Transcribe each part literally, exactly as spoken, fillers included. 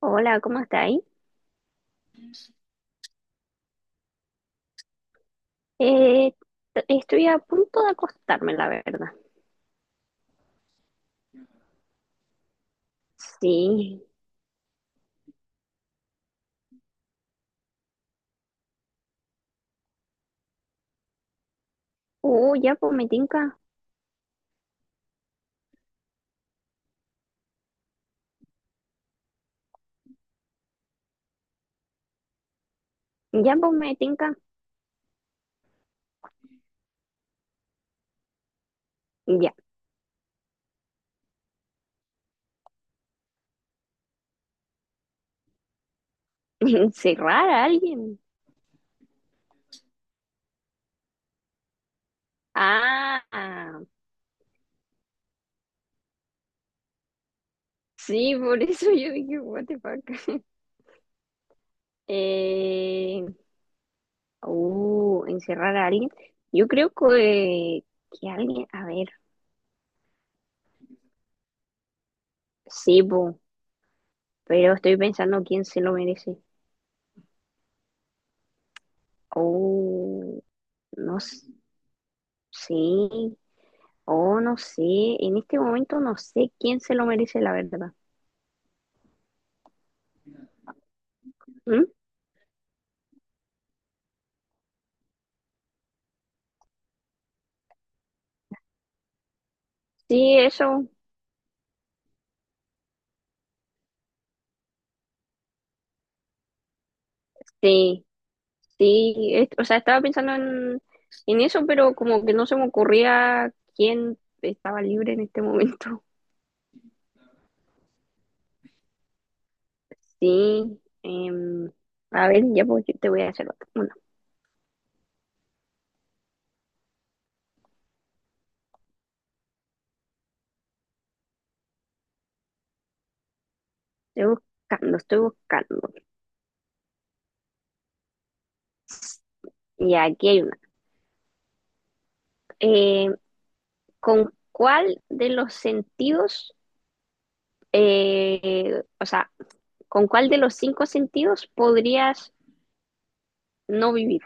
Hola, ¿cómo estáis? Eh, t- estoy a punto de acostarme, la verdad. Sí. Uh, ya pues me tinca. Ya pues me tinca. Ya. Encerrar a alguien. Ah, ah. Sí, por eso yo dije, what the fuck. Eh, uh, encerrar a alguien. Yo creo que, que alguien, a ver, sí, po, pero estoy pensando quién se lo merece. Oh, no sé. Oh, no sé, en este momento no sé quién se lo merece, la verdad. ¿Mm? Sí, eso, sí, sí, es- o sea, estaba pensando en, en eso, pero como que no se me ocurría quién estaba libre en este momento. Sí, em, a ver, ya pues, yo te voy a hacer otra. Bueno, estoy buscando, estoy buscando. Y aquí hay una. Eh, ¿con cuál de los sentidos, eh, o sea, con cuál de los cinco sentidos podrías no vivir?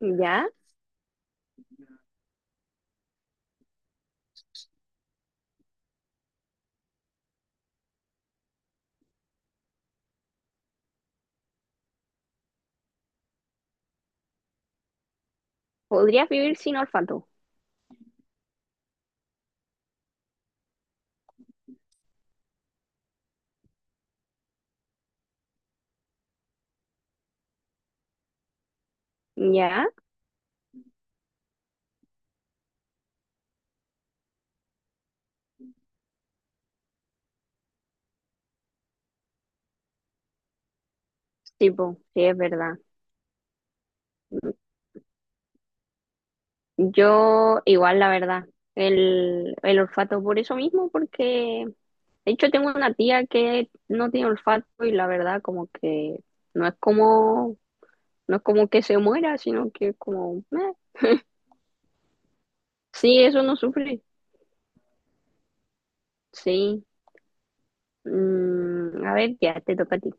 ¿Ya? ¿Podrías vivir sin olfato? ¿Ya? Sí, po, sí, es verdad. Yo igual, la verdad, el, el olfato por eso mismo, porque de hecho tengo una tía que no tiene olfato y la verdad como que no es como, no es como que se muera, sino que es como, "Meh". Sí, eso no sufre, sí. Mm, a ver, ya te toca a ti.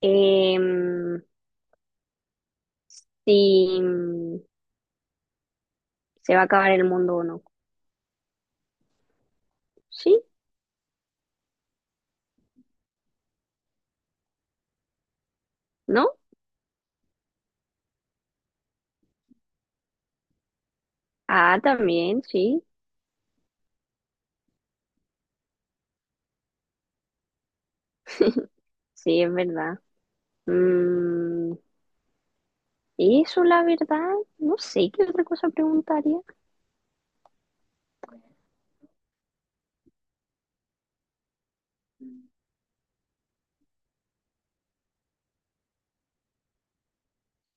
Em, si mm, se va a acabar el mundo o no. Sí, ¿no? Ah, también, sí. Sí, es verdad. Mm, eso, la verdad, no sé qué otra cosa preguntaría.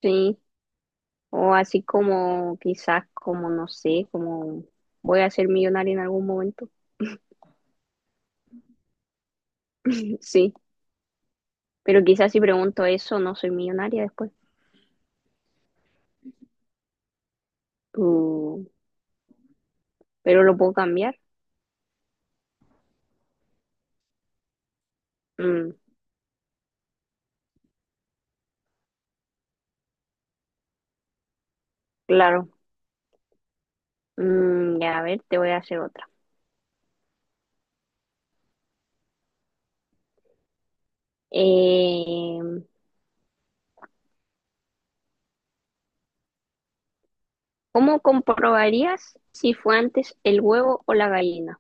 Sí, o así como quizás, como no sé, como voy a ser millonaria en algún momento. Sí, pero quizás si pregunto eso, no soy millonaria después. Mm, pero lo puedo cambiar. Mm, claro. Mm, ya, a ver, te voy a hacer otra. Eh, ¿cómo comprobarías si fue antes el huevo o la gallina?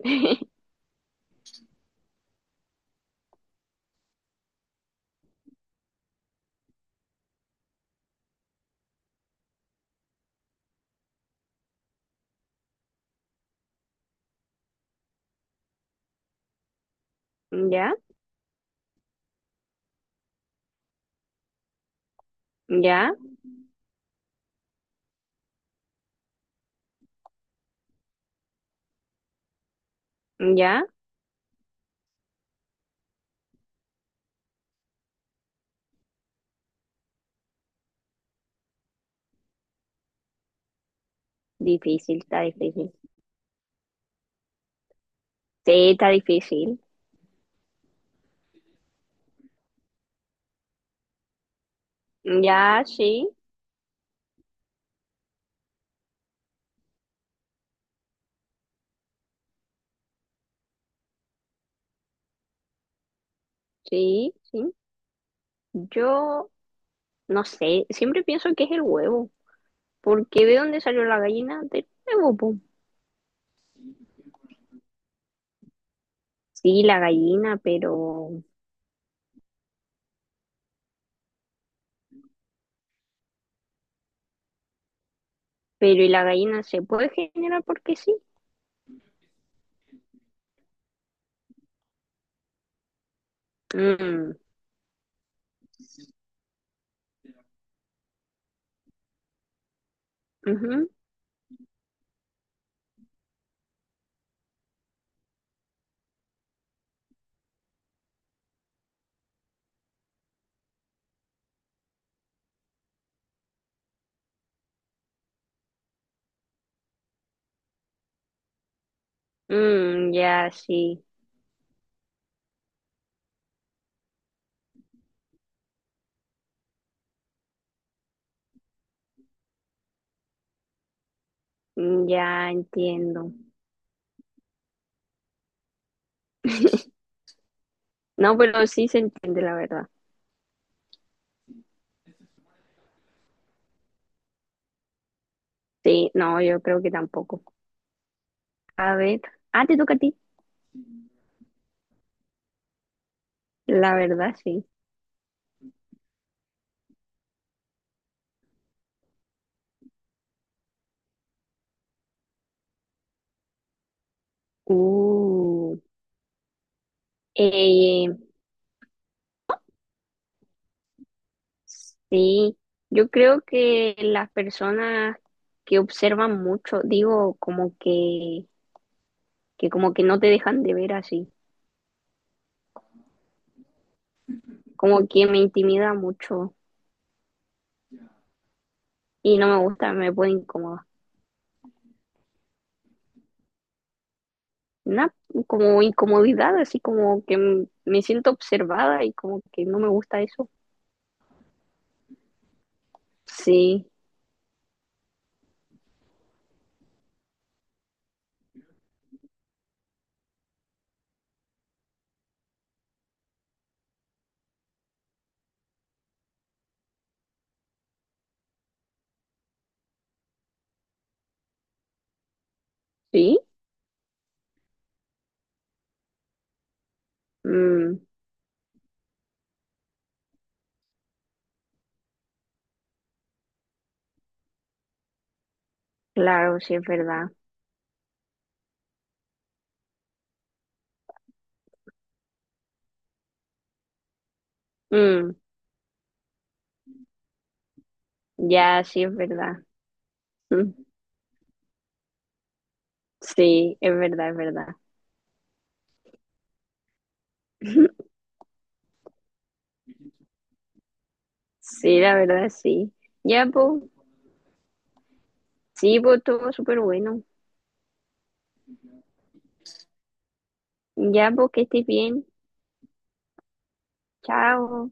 ¿Ya? ¿Ya? ¿Ya? Difícil, está difícil. Sí, está difícil. Ya, sí, sí, sí. Yo no sé, siempre pienso que es el huevo, porque ¿de dónde salió la gallina? Del huevo, po. Sí, la gallina, pero, pero ¿y la gallina se puede generar porque sí? Mm, ujú, mm, ya, sí, ya entiendo. No, pero sí se entiende la verdad. Sí, no, yo creo que tampoco. A ver, ah, te toca a ti. La verdad, sí. Uh. Eh, sí, yo creo que las personas que observan mucho, digo, como que, que como que no te dejan de ver así, como que me intimida mucho y no me gusta, me pone incómoda. Una como incomodidad, así como que m- me siento observada y como que no me gusta eso. Sí, sí, mm, claro, sí es verdad. Mm, ya, sí es verdad. Mm, sí, es verdad, es verdad. Sí, la verdad, sí. Ya, pues, sí, pues, todo súper bueno. Ya, pues, que estés bien. Chao.